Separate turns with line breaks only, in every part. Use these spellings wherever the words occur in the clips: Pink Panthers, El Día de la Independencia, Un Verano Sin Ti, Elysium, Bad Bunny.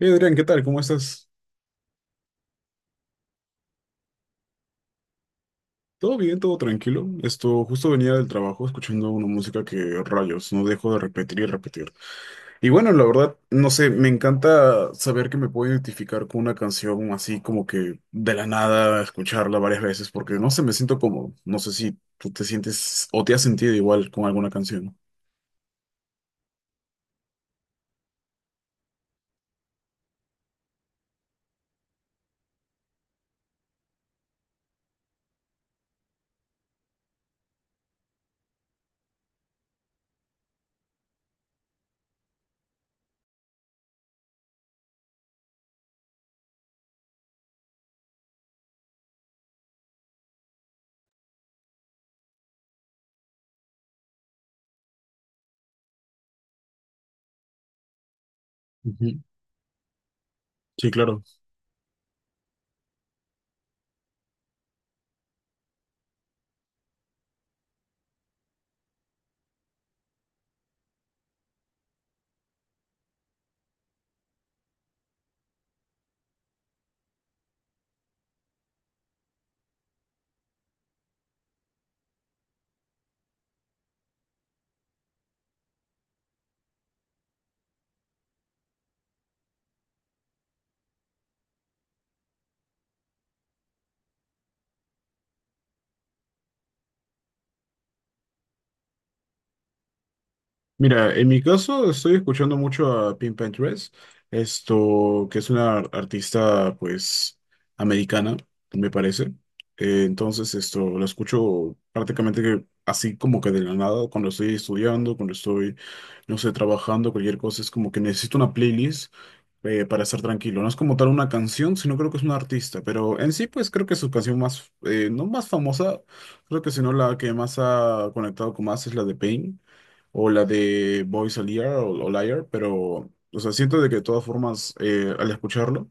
Hey Adrián, ¿qué tal? ¿Cómo estás? ¿Todo bien? ¿Todo tranquilo? Esto, justo venía del trabajo escuchando una música que rayos, no dejo de repetir y repetir. Y bueno, la verdad, no sé, me encanta saber que me puedo identificar con una canción así como que de la nada, escucharla varias veces, porque no sé, me siento cómodo. No sé si tú te sientes o te has sentido igual con alguna canción. Ujú. Sí, claro. Mira, en mi caso estoy escuchando mucho a Pink Panthers, esto que es una artista pues americana, me parece. Entonces esto lo escucho prácticamente que así como que de la nada, cuando estoy estudiando, cuando estoy, no sé, trabajando, cualquier cosa, es como que necesito una playlist para estar tranquilo. No es como tal una canción, sino creo que es un artista, pero en sí pues creo que su canción más, no más famosa, creo que sino la que más ha conectado con más es la de Pain o la de Voice Liar o Liar, pero, o sea, siento de que de todas formas, al escucharlo,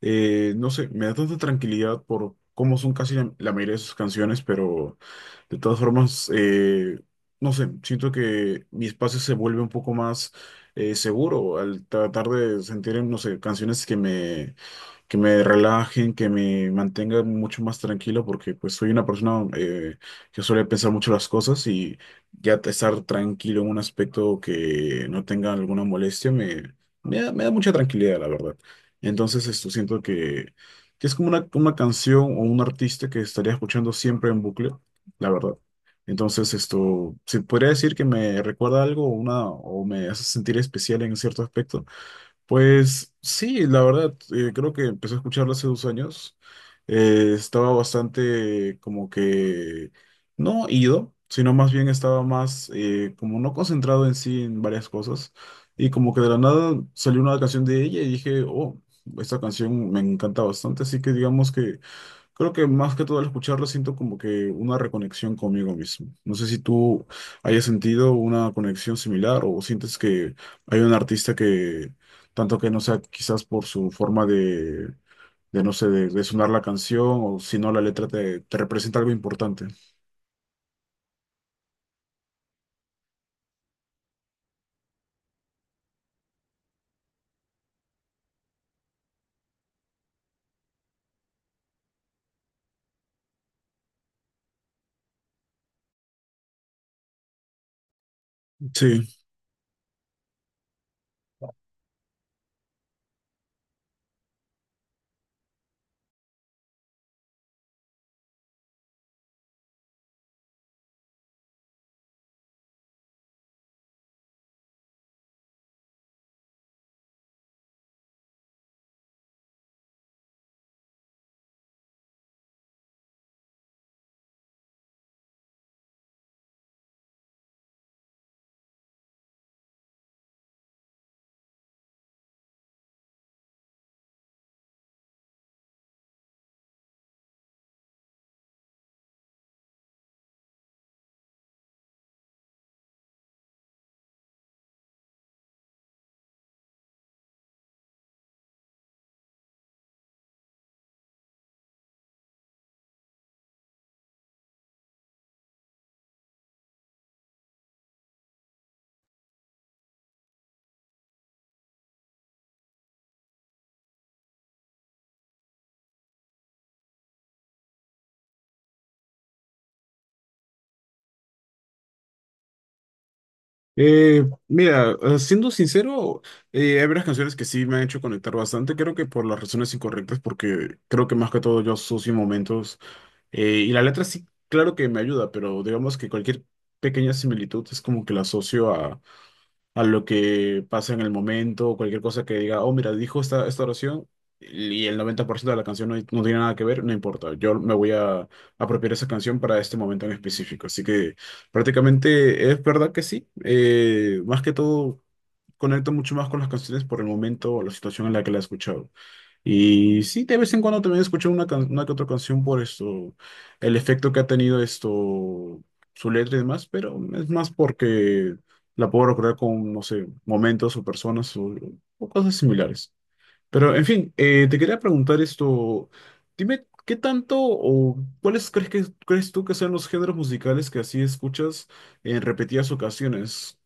no sé, me da tanta tranquilidad por cómo son casi la mayoría de sus canciones, pero de todas formas, no sé, siento que mi espacio se vuelve un poco más seguro al tratar de sentir, no sé, canciones que me relajen, que me mantengan mucho más tranquilo, porque pues soy una persona que suele pensar mucho las cosas y ya estar tranquilo en un aspecto que no tenga alguna molestia me da mucha tranquilidad, la verdad. Entonces, esto siento que es como una canción o un artista que estaría escuchando siempre en bucle, la verdad. Entonces, esto, se podría decir que me recuerda algo o me hace sentir especial en cierto aspecto. Pues sí, la verdad, creo que empecé a escucharlo hace 2 años. Estaba bastante como que no ido, sino más bien estaba más como no concentrado en sí en varias cosas. Y como que de la nada salió una canción de ella y dije, oh, esta canción me encanta bastante. Así que digamos que creo que más que todo al escucharlo siento como que una reconexión conmigo mismo. No sé si tú hayas sentido una conexión similar o sientes que hay un artista que, tanto que no sea quizás por su forma de no sé, de sonar la canción o si no la letra te representa algo importante. Sí. Mira, siendo sincero, hay varias canciones que sí me han hecho conectar bastante, creo que por las razones incorrectas, porque creo que más que todo yo asocio momentos. Y la letra sí, claro que me ayuda, pero digamos que cualquier pequeña similitud es como que la asocio a lo que pasa en el momento, o cualquier cosa que diga, oh, mira, dijo esta oración y el 90% de la canción no tiene nada que ver, no importa, yo me voy a apropiar esa canción para este momento en específico. Así que prácticamente es verdad que sí, más que todo conecto mucho más con las canciones por el momento o la situación en la que la he escuchado. Y sí, de vez en cuando también escucho una que otra canción por esto, el efecto que ha tenido esto, su letra y demás, pero es más porque la puedo recordar con, no sé, momentos o personas o cosas similares. Pero, en fin, te quería preguntar esto, dime, ¿qué tanto o cuáles crees que, crees tú que sean los géneros musicales que así escuchas en repetidas ocasiones?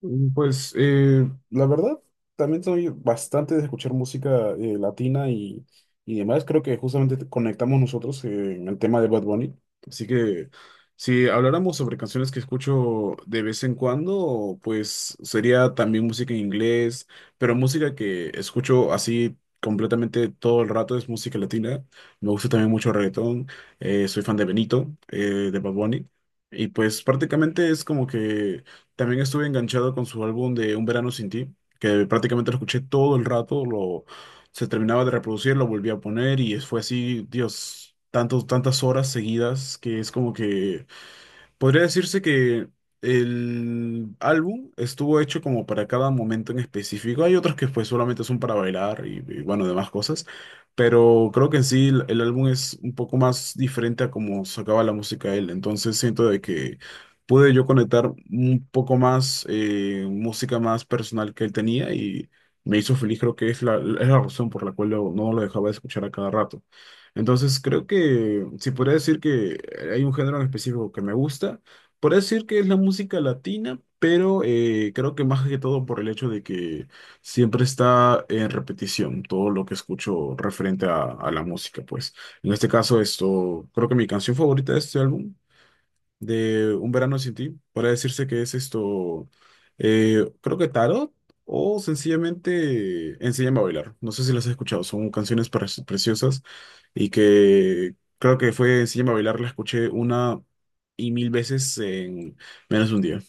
Mm, pues la verdad, también soy bastante de escuchar música latina y demás. Creo que justamente conectamos nosotros en el tema de Bad Bunny. Así que si habláramos sobre canciones que escucho de vez en cuando, pues sería también música en inglés, pero música que escucho así completamente todo el rato es música latina. Me gusta también mucho el reggaetón. Soy fan de Benito, de Bad Bunny. Y pues prácticamente es como que... También estuve enganchado con su álbum de Un Verano Sin Ti, que prácticamente lo escuché todo el rato, lo, se terminaba de reproducir, lo volví a poner y fue así, Dios, tantas horas seguidas que es como que podría decirse que el álbum estuvo hecho como para cada momento en específico. Hay otros que pues solamente son para bailar y, bueno, demás cosas. Pero creo que en sí el álbum es un poco más diferente a cómo sacaba la música él. Entonces siento de que pude yo conectar un poco más música más personal que él tenía y me hizo feliz. Creo que es es la razón por la cual no lo dejaba de escuchar a cada rato. Entonces, creo que si podría decir que hay un género en específico que me gusta, podría decir que es la música latina, pero creo que más que todo por el hecho de que siempre está en repetición todo lo que escucho referente a la música, pues. En este caso, esto, creo que mi canción favorita de este álbum de Un verano sin ti, para decirse que es esto, creo que tarot o sencillamente Enséñame a bailar. No sé si las has escuchado, son canciones preciosas y que creo que fue Enséñame a bailar, la escuché una y mil veces en menos de un día.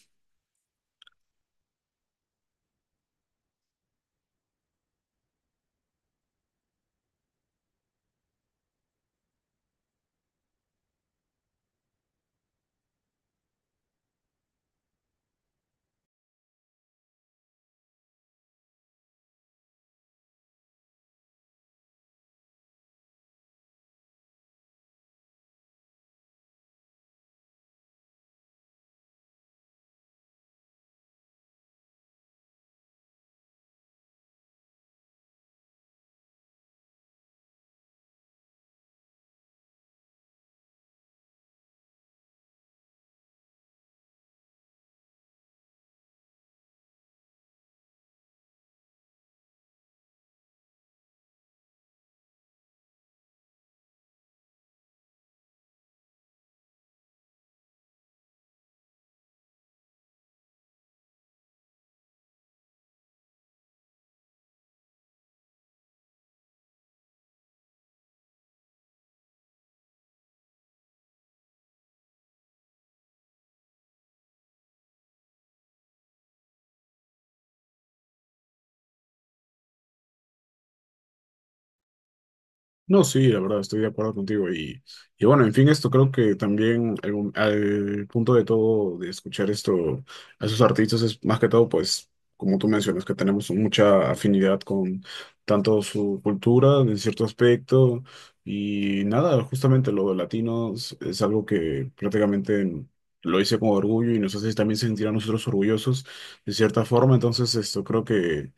No, sí, la verdad, estoy de acuerdo contigo. Y bueno, en fin, esto creo que también al punto de todo de escuchar esto a esos artistas es más que todo, pues, como tú mencionas, que tenemos mucha afinidad con tanto su cultura en cierto aspecto y nada, justamente lo de latinos es algo que prácticamente lo hice con orgullo y nos hace también sentir a nosotros orgullosos de cierta forma. Entonces, esto creo que...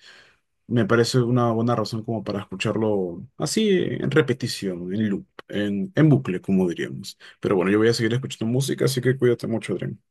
Me parece una buena razón como para escucharlo así en repetición, en loop, en bucle, como diríamos. Pero bueno, yo voy a seguir escuchando música, así que cuídate mucho, Adrián.